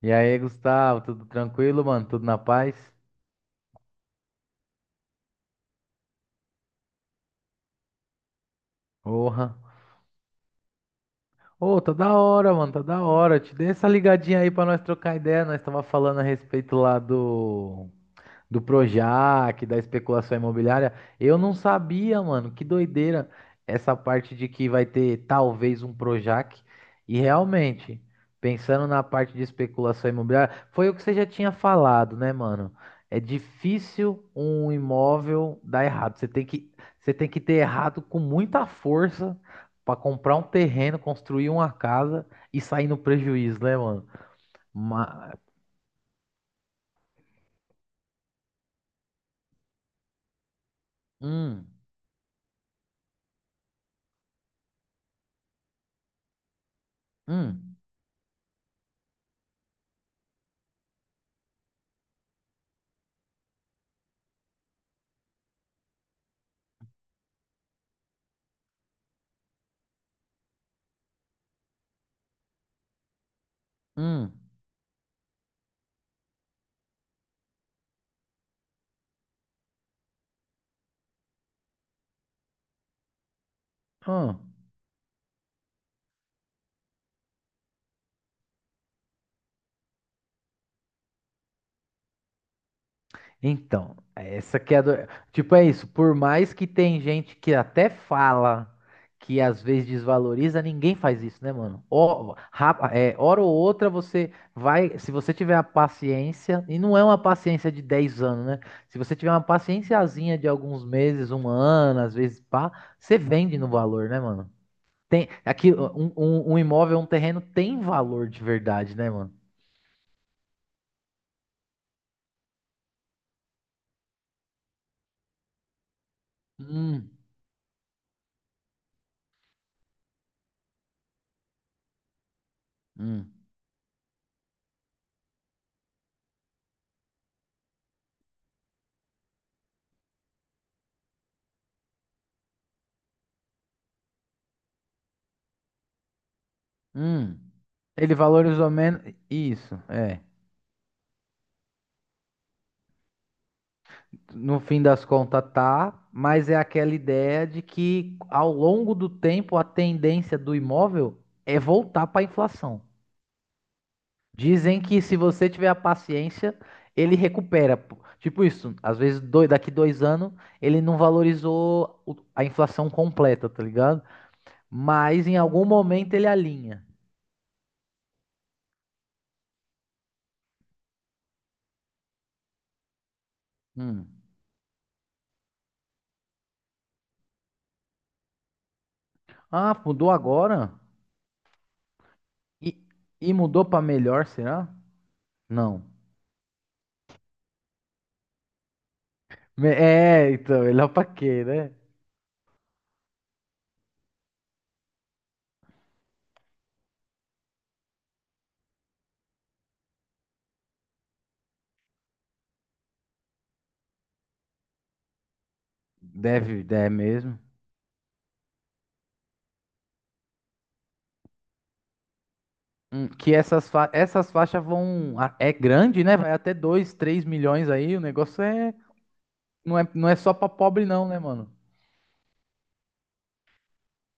E aí, Gustavo, tudo tranquilo, mano? Tudo na paz? Porra. Ô, tá da hora, mano, tá da hora. Te dei essa ligadinha aí pra nós trocar ideia. Nós tava falando a respeito lá do Projac, da especulação imobiliária. Eu não sabia, mano, que doideira essa parte de que vai ter talvez um Projac. E realmente, pensando na parte de especulação imobiliária, foi o que você já tinha falado, né, mano? É difícil um imóvel dar errado. Você tem que ter errado com muita força para comprar um terreno, construir uma casa e sair no prejuízo, né, mano? Ma- hum, hum, hum, hum. Então, essa que é a do. Tipo, é isso. Por mais que tem gente que até fala que às vezes desvaloriza, ninguém faz isso, né, mano? Ó, hora ou outra você vai. Se você tiver a paciência, e não é uma paciência de 10 anos, né? Se você tiver uma paciênciazinha de alguns meses, um ano, às vezes pá, você vende no valor, né, mano? Tem, aqui, um imóvel, um terreno tem valor de verdade, né, mano? Hum, hum. Hum. Ele valorizou menos. Isso, é. No fim das contas, tá, mas é aquela ideia de que ao longo do tempo a tendência do imóvel é voltar para a inflação. Dizem que se você tiver a paciência, ele recupera. Pô. Tipo isso, às vezes dois, daqui 2 anos ele não valorizou a inflação completa, tá ligado? Mas em algum momento ele alinha. Hum. Ah, mudou agora? E, e mudou para melhor, será? Não. Então, melhor pra quê, né? Deve, é mesmo. Hum. Que essas faixas vão. É grande, né? Vai até 2, 3 milhões aí. O negócio é. Não é só pra pobre, não, né, mano?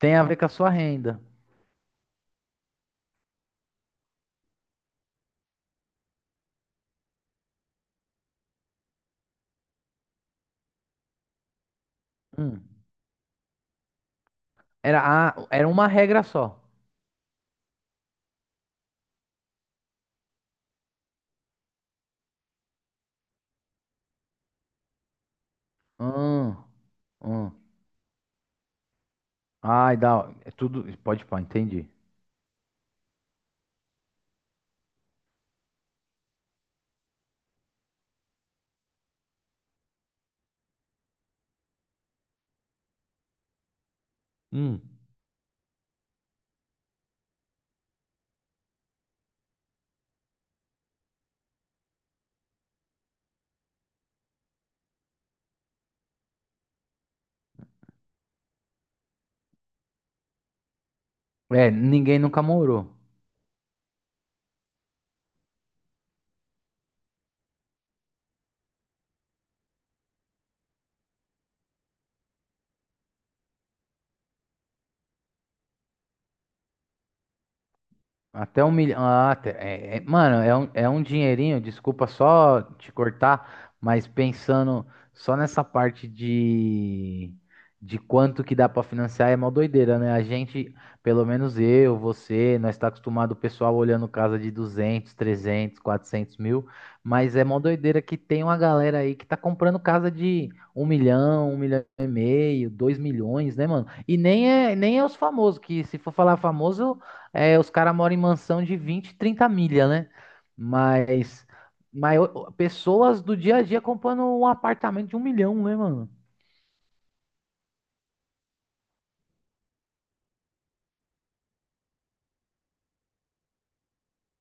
Tem a ver com a sua renda. Hum. Era uma regra só. Hum, hum. Ai, dá. É tudo. Pode, pode, entendi. Hum. É, ninguém nunca morou. Até 1 milhão. Ah, mano, é um dinheirinho, desculpa só te cortar, mas pensando só nessa parte de quanto que dá pra financiar é mó doideira, né? A gente, pelo menos eu, você, nós tá acostumado o pessoal olhando casa de 200 300 400 mil, mas é mó doideira que tem uma galera aí que tá comprando casa de um milhão e meio, 2 milhões, né, mano? E nem é os famosos, que se for falar famoso. É, os caras moram em mansão de 20, 30 milha, né? Mas, mas pessoas do dia a dia comprando um apartamento de 1 milhão, né, mano?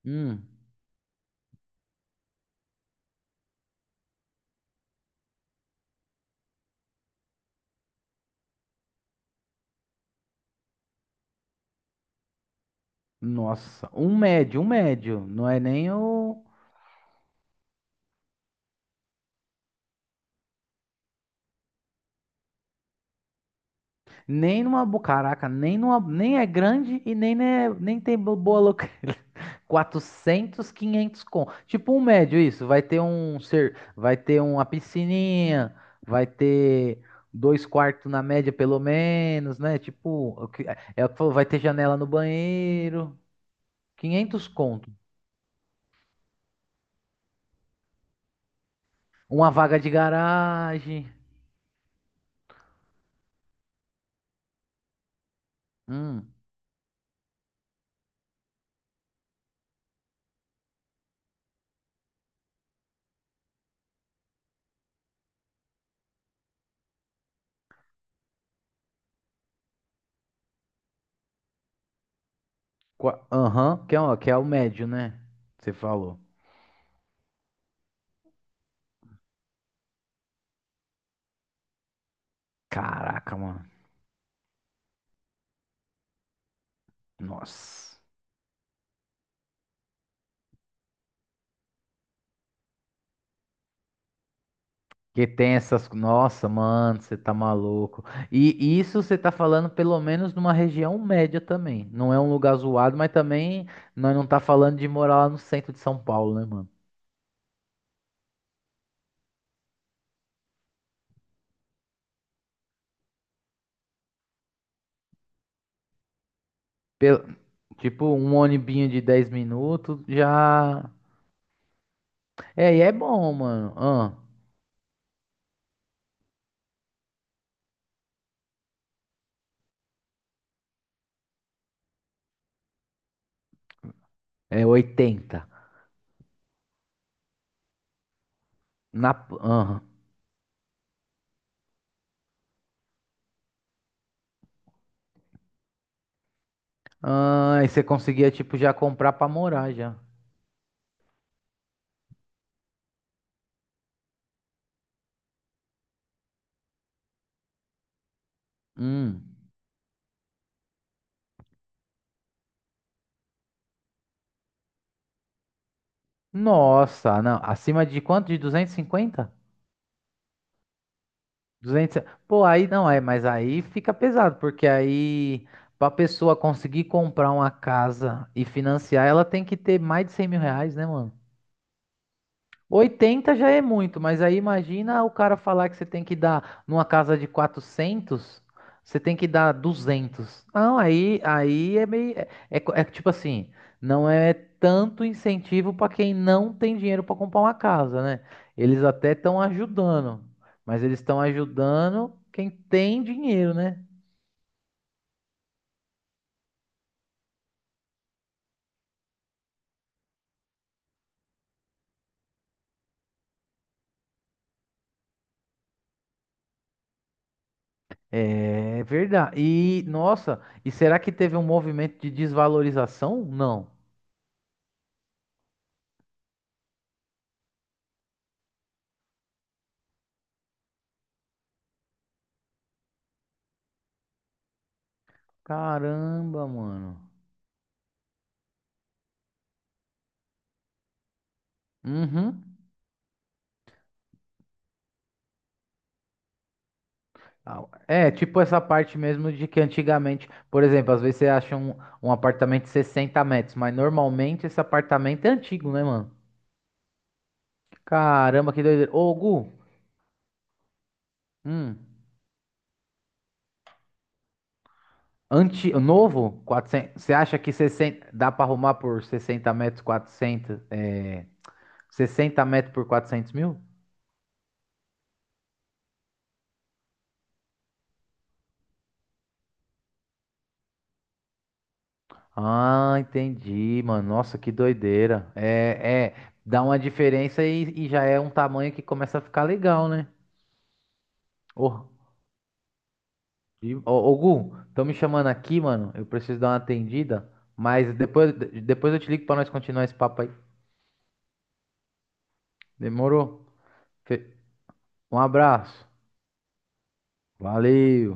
Hum, nossa, um médio, um médio. Não é nem o. Nem numa, caraca, nem numa, nem é grande e nem, né, nem tem boa loca. 400, 500 com. Tipo um médio isso, vai ter uma piscininha, vai ter dois quartos na média pelo menos, né? Tipo, é o que falou, vai ter janela no banheiro, 500 conto. Uma vaga de garagem. Hum. Aham, que é o médio, né? Você falou. Caraca, mano. Nossa. Que tem essas. Nossa, mano, você tá maluco. E isso você tá falando pelo menos numa região média também. Não é um lugar zoado, mas também nós não tá falando de morar lá no centro de São Paulo, né, mano? Pel- Tipo, um ônibinho de 10 minutos já. É, e é bom, mano. Ah, é 80. Na. Ah, ah, e você conseguia, tipo, já comprar pra morar já. Hum. Nossa, não. Acima de quanto? De 250? 200. Pô, aí não é, mas aí fica pesado, porque aí pra pessoa conseguir comprar uma casa e financiar, ela tem que ter mais de 100 mil reais, né, mano? 80 já é muito, mas aí imagina o cara falar que você tem que dar numa casa de 400, você tem que dar 200. Não, aí é meio. É, tipo assim, não é tanto incentivo para quem não tem dinheiro para comprar uma casa, né? Eles até estão ajudando, mas eles estão ajudando quem tem dinheiro, né? É verdade. E, nossa, será que teve um movimento de desvalorização? Não. Caramba, mano. Uhum. Ah, é, tipo essa parte mesmo de que antigamente, por exemplo, às vezes você acha um apartamento de 60 metros, mas normalmente esse apartamento é antigo, né, mano? Caramba, que doideira. Ô, Gu. Hum, anti, novo, 400? Você acha que 60 dá pra arrumar por 60 metros, 400? 60 metros por 400 mil? Ah, entendi, mano. Nossa, que doideira. É, dá uma diferença e já é um tamanho que começa a ficar legal, né? Ô. E, ô, ô, Gu, estão me chamando aqui, mano. Eu preciso dar uma atendida. Mas depois eu te ligo pra nós continuar esse papo aí. Demorou? Fe- Um abraço. Valeu.